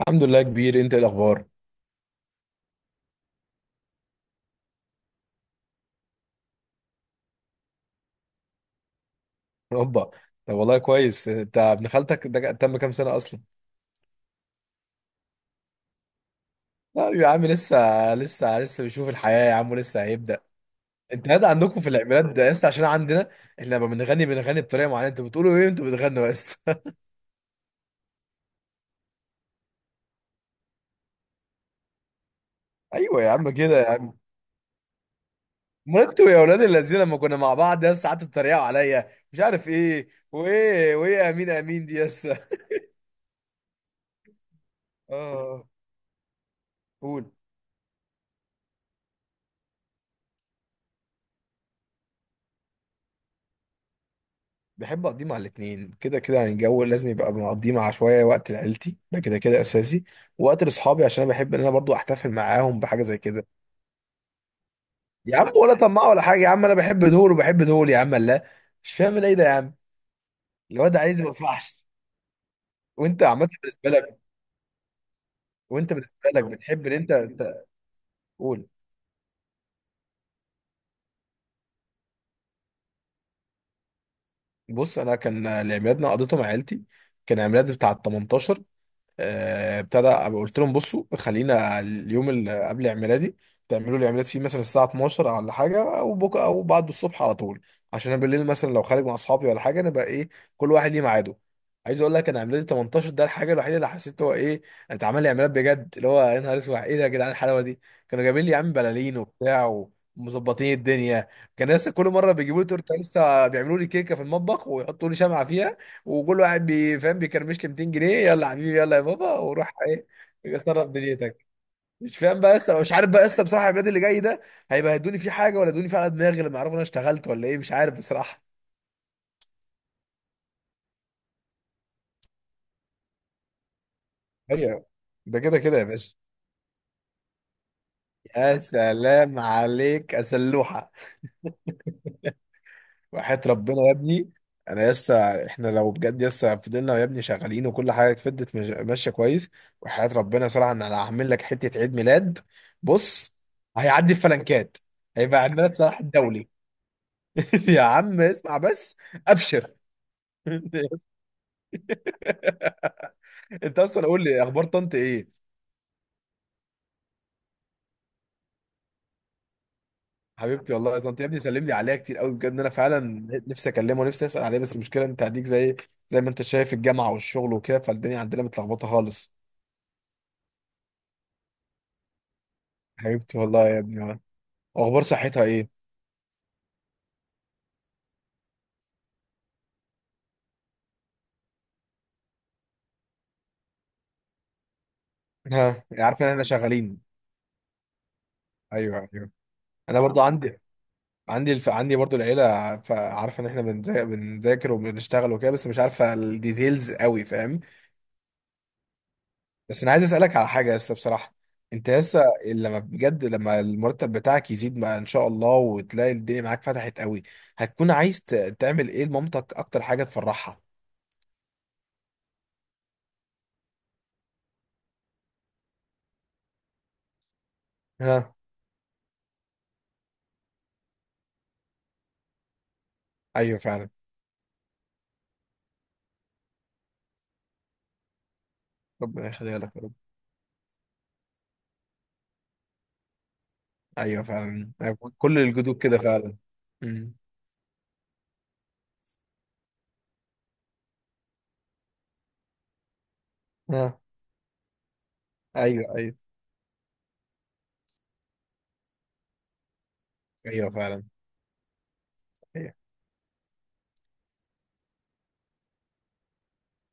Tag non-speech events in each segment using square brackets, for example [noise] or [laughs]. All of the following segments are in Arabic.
الحمد لله. كبير، انت ايه الاخبار؟ اوبا. طب والله كويس. انت ابن خالتك ده تم كام سنه اصلا؟ لا يا عم لسه. لسه لسه بيشوف الحياه يا عم، لسه هيبدا. انت هذا عندكم في العيد ده لسه، عشان عندنا احنا لما بنغني بنغني بطريقه معينه، انتوا بتقولوا ايه؟ انتوا بتغنوا بس؟ [laughs] ايوه يا عم، كده يا عم. امال انتوا يا اولاد الذين لما كنا مع بعض يس، قعدتوا تتريقوا عليا مش عارف ايه وايه وايه، امين امين دي يس. [laughs] اه، قول. بحب اقضيه مع الاتنين، كده كده يعني الجو لازم يبقى. بنقضيه مع شويه، وقت لعيلتي ده كده كده اساسي، وقت لاصحابي عشان انا بحب ان انا برضو احتفل معاهم بحاجه زي كده. يا عم ولا طماع ولا حاجه يا عم، انا بحب دول وبحب دول يا عم، لا. مش فاهم ايه ده يا عم. الواد عايز ما ينفعش. وانت عملت بالنسبه لك؟ وانت بالنسبه لك بتحب ان انت؟ تقول. بص، انا كان لعيادنا قضيته مع عيلتي. كان عيد ميلادي بتاع ال 18. ابتدى أبقى قلت لهم بصوا خلينا اليوم اللي قبل عيد ميلادي تعملوا لي عيد ميلاد فيه، مثلا الساعه 12 او ولا حاجه، او بكره او بعد الصبح على طول، عشان انا بالليل مثلا لو خارج مع اصحابي ولا حاجه نبقى ايه، كل واحد ليه ميعاده. عايز اقول لك انا عيد ميلادي 18 ده، الحاجه الوحيده اللي حسيت هو ايه، اتعمل لي عيد ميلاد بجد اللي هو يا نهار اسود، ايه ده يا جدعان الحلاوه دي؟ كانوا جايبين لي يا عم بلالين وبتاع، ومظبطين الدنيا. كان لسه كل مره بيجيبوا لي تورته، لسه بيعملوا لي كيكه في المطبخ ويحطوا لي شمعه، وكل واحد فاهم بيكرمش لي 200 جنيه، يلا يا حبيبي يلا يا بابا وروح ايه، اتصرف دنيتك. مش فاهم بقى لسه، مش عارف بقى لسه بصراحه البلاد اللي جاي ده هيبهدوني فيه حاجه ولا يدوني فيه على دماغي لما يعرفوا انا اشتغلت ولا ايه، مش عارف بصراحه. ايوه. ده كده كده يا باشا. يا سلام عليك يا سلوحه. وحياة ربنا يا ابني، انا لسه، احنا لو بجد لسه فضلنا يا ابني شغالين وكل حاجه اتفضت ماشيه كويس، وحياة ربنا صراحه ان انا هعمل لك حته عيد ميلاد. بص، هيعدي الفلنكات، هيبقى عيد ميلاد صلاح الدولي. [laughs] يا عم اسمع بس. ابشر. [laughs] انت اصلا قول لي اخبار طنط ايه. حبيبتي والله طنط، يا ابني سلم لي عليها كتير قوي، بجد انا فعلا نفسي اكلمه ونفسي اسال عليه، بس المشكله انت هديك، زي ما انت شايف الجامعه والشغل وكده، فالدنيا عندنا متلخبطه خالص. حبيبتي والله يا ابني. اخبار صحتها ايه؟ ها، عارف ان احنا شغالين. ايوه ايوه. انا برضو عندي، عندي برضو العيله، فعارفه ان احنا بنذاكر وبنشتغل وكده، بس مش عارفه الديتيلز قوي، فاهم؟ بس انا عايز اسالك على حاجه لسه بصراحه. انت لسه لما بجد لما المرتب بتاعك يزيد بقى ان شاء الله وتلاقي الدنيا معاك فتحت قوي، هتكون عايز تعمل ايه لمامتك اكتر حاجه تفرحها؟ ها. ايوه فعلا. ربنا يخليها لك يا رب. ايوه فعلا. أيوة، كل الجدود كده فعلا. مم. اه. ايوه ايوه. ايوه فعلا. ايوه،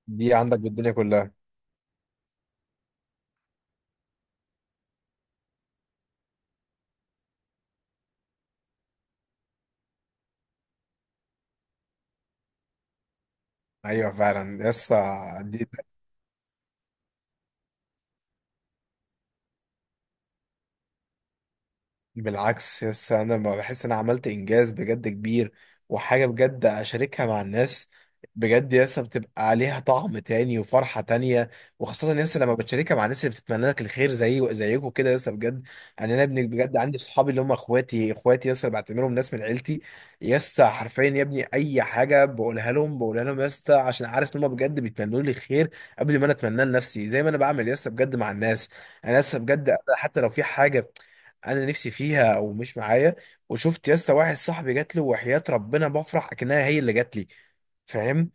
دي عندك بالدنيا كلها. ايوه فعلا يسا دي. بالعكس يس، انا ما بحس ان انا عملت انجاز بجد كبير وحاجه بجد اشاركها مع الناس، بجد يس بتبقى عليها طعم تاني وفرحه تانية، وخاصه يس لما بتشاركها مع الناس اللي بتتمنى لك الخير، زي زيكم كده يس بجد. يعني انا ابني بجد عندي صحابي اللي هم اخواتي، اخواتي يس بعتبرهم ناس من عيلتي، يس حرفيا يا ابني اي حاجه بقولها لهم يس عشان عارف ان هم بجد بيتمنوا لي الخير قبل ما انا اتمناه لنفسي، زي ما انا بعمل يس بجد مع الناس. انا لسه بجد حتى لو في حاجه انا نفسي فيها او مش معايا وشفت يا اسطى واحد صاحبي جات له، وحياة ربنا بفرح اكنها هي اللي جات لي. فاهم؟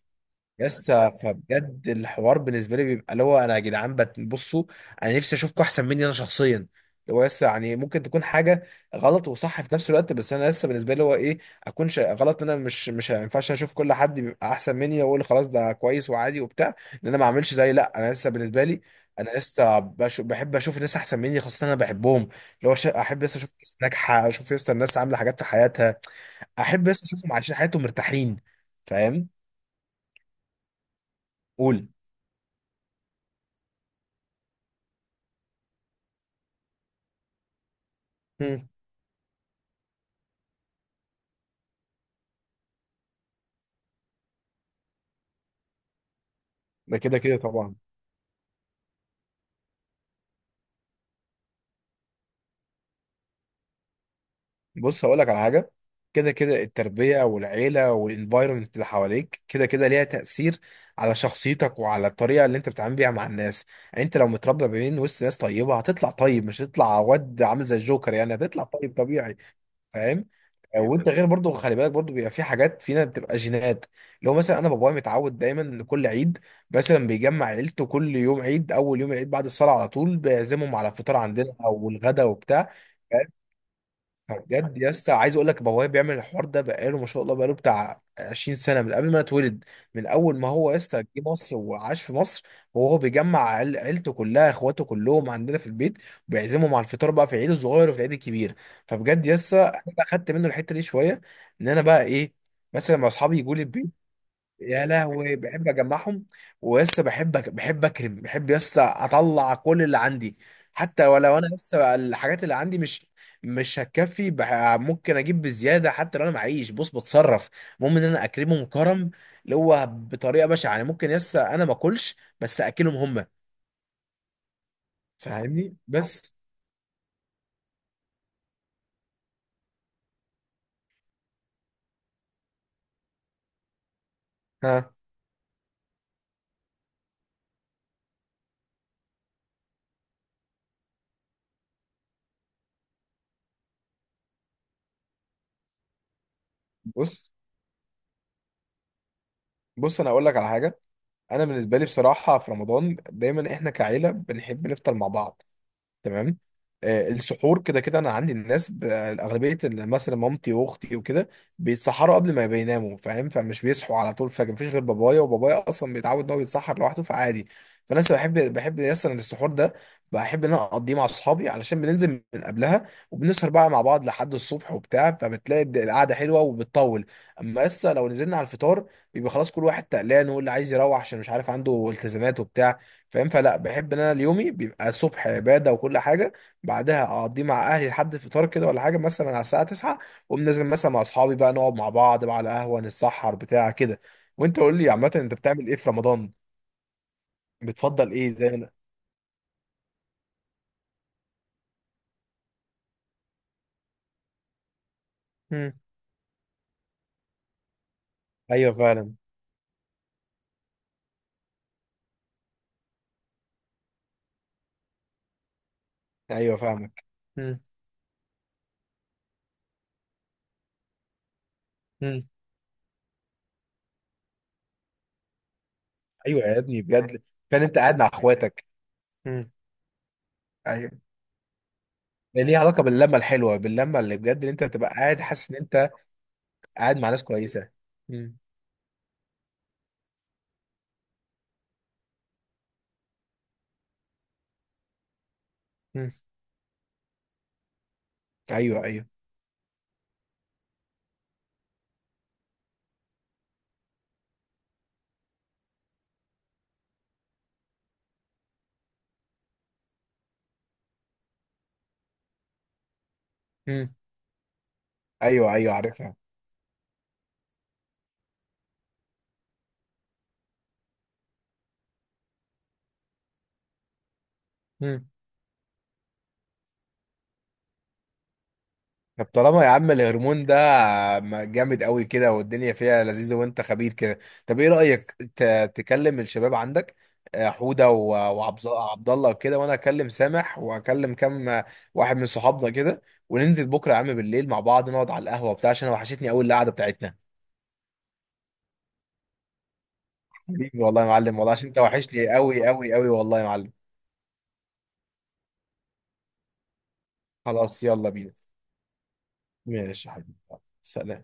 يس فبجد الحوار بالنسبه لي بيبقى اللي هو انا، يا جدعان بصوا، انا نفسي اشوفكم احسن مني انا شخصيا، اللي هو يس يعني ممكن تكون حاجه غلط وصح في نفس الوقت، بس انا لسه بالنسبه لي هو ايه، اكون غلط، إن انا مش ما ينفعش اشوف كل حد بيبقى احسن مني واقول خلاص ده كويس وعادي وبتاع، ان انا ما اعملش زي، لا، انا لسه بالنسبه لي، انا لسه بحب اشوف الناس احسن مني، خاصه انا بحبهم، اللي هو احب لسه اشوف ناس ناجحه، اشوف لسه الناس عامله حاجات في حياتها، احب لسه اشوفهم عايشين حياتهم مرتاحين. فاهم؟ قول. ده كده كده طبعا. بص هقول لك على حاجه. كده كده التربيه والعيله والانفايرمنت اللي حواليك كده كده ليها تاثير على شخصيتك وعلى الطريقه اللي انت بتتعامل بيها مع الناس. يعني انت لو متربى بين وسط ناس طيبه هتطلع طيب، مش هتطلع واد عامل زي الجوكر، يعني هتطلع طيب طبيعي. فاهم؟ وانت غير برضو، خلي بالك برضو بيبقى في حاجات فينا بتبقى جينات. لو مثلا انا بابايا متعود دايما ان كل عيد مثلا بيجمع عيلته، كل يوم عيد اول يوم العيد بعد الصلاه على طول بيعزمهم على الفطار عندنا او الغدا وبتاع. بجد يا اسطى عايز اقول لك بابايا بيعمل الحوار ده بقاله ما شاء الله، بقاله بتاع 20 سنه من قبل ما أنا اتولد، من اول ما هو يا اسطى جه مصر وعاش في مصر، وهو بيجمع عيلته كلها، اخواته كلهم عندنا في البيت وبيعزمهم على الفطار بقى في العيد الصغير وفي العيد الكبير. فبجد يا اسطى انا بقى خدت منه الحته دي شويه، ان انا بقى ايه، مثلا مع اصحابي يجوا لي. يا لهوي بحب اجمعهم، ولسه بحب اكرم، بحب لسه اطلع كل اللي عندي. حتى ولو انا لسه الحاجات اللي عندي مش، هتكفي ممكن اجيب بزياده، حتى لو انا معيش بص بتصرف، المهم ان انا اكرمهم كرم اللي هو بطريقه بشعه، يعني ممكن لسه انا ما اكلش بس اكلهم هم. فاهمني؟ بس. ها. بص. انا اقول لك على حاجه. انا بالنسبه لي بصراحه في رمضان دايما احنا كعيله بنحب نفطر مع بعض، تمام؟ السحور كده كده انا عندي الناس اغلبيه مثلا مامتي واختي وكده بيتسحروا قبل ما بيناموا، فاهم؟ فمش بيصحوا على طول فجاه، مفيش غير بابايا، وبابايا اصلا بيتعود ان هو يتسحر لوحده فعادي. فانا لسه بحب مثلا السحور ده بحب ان انا اقضيه مع اصحابي، علشان بننزل من قبلها وبنسهر بقى مع بعض لحد الصبح وبتاع، فبتلاقي القعده حلوه وبتطول. اما لسه لو نزلنا على الفطار بيبقى خلاص كل واحد تقلان، واللي عايز يروح عشان مش عارف عنده التزامات وبتاع، فاهم؟ فلا، بحب ان انا اليومي بيبقى الصبح عباده وكل حاجه، بعدها اقضيه مع اهلي لحد الفطار كده ولا حاجه، مثلا على الساعه 9 واقوم نازل مثلا مع اصحابي بقى، نقعد مع بعض بقى على قهوه نتسحر بتاع كده. وانت قول لي عامه انت بتعمل ايه في رمضان؟ بتفضل ايه زي ما؟ مم. ايوه فعلا. ايوه فاهمك. مم. مم. ايوه يا ابني بجد. كان انت قاعد مع اخواتك. مم. ايوه. ده ليه علاقه باللمه الحلوه، باللمه اللي بجد ان انت تبقى قاعد حاسس ان انت قاعد مع ناس كويسه. مم. مم. ايوه ايوه. ايوه ايوه عارفها. مم. طب طالما يا عم الهرمون ده جامد قوي كده والدنيا فيها لذيذة وانت خبير كده، طب ايه رأيك تكلم الشباب عندك، حودة عبد الله وكده، وانا اكلم سامح واكلم كام واحد من صحابنا كده، وننزل بكرة يا عم بالليل مع بعض، نقعد على القهوة بتاع، عشان أنا وحشتني قوي القعدة بتاعتنا. حبيبي والله يا معلم، والله عشان انت وحشني قوي قوي قوي والله يا معلم. خلاص يلا بينا. ماشي يا حبيبي، سلام.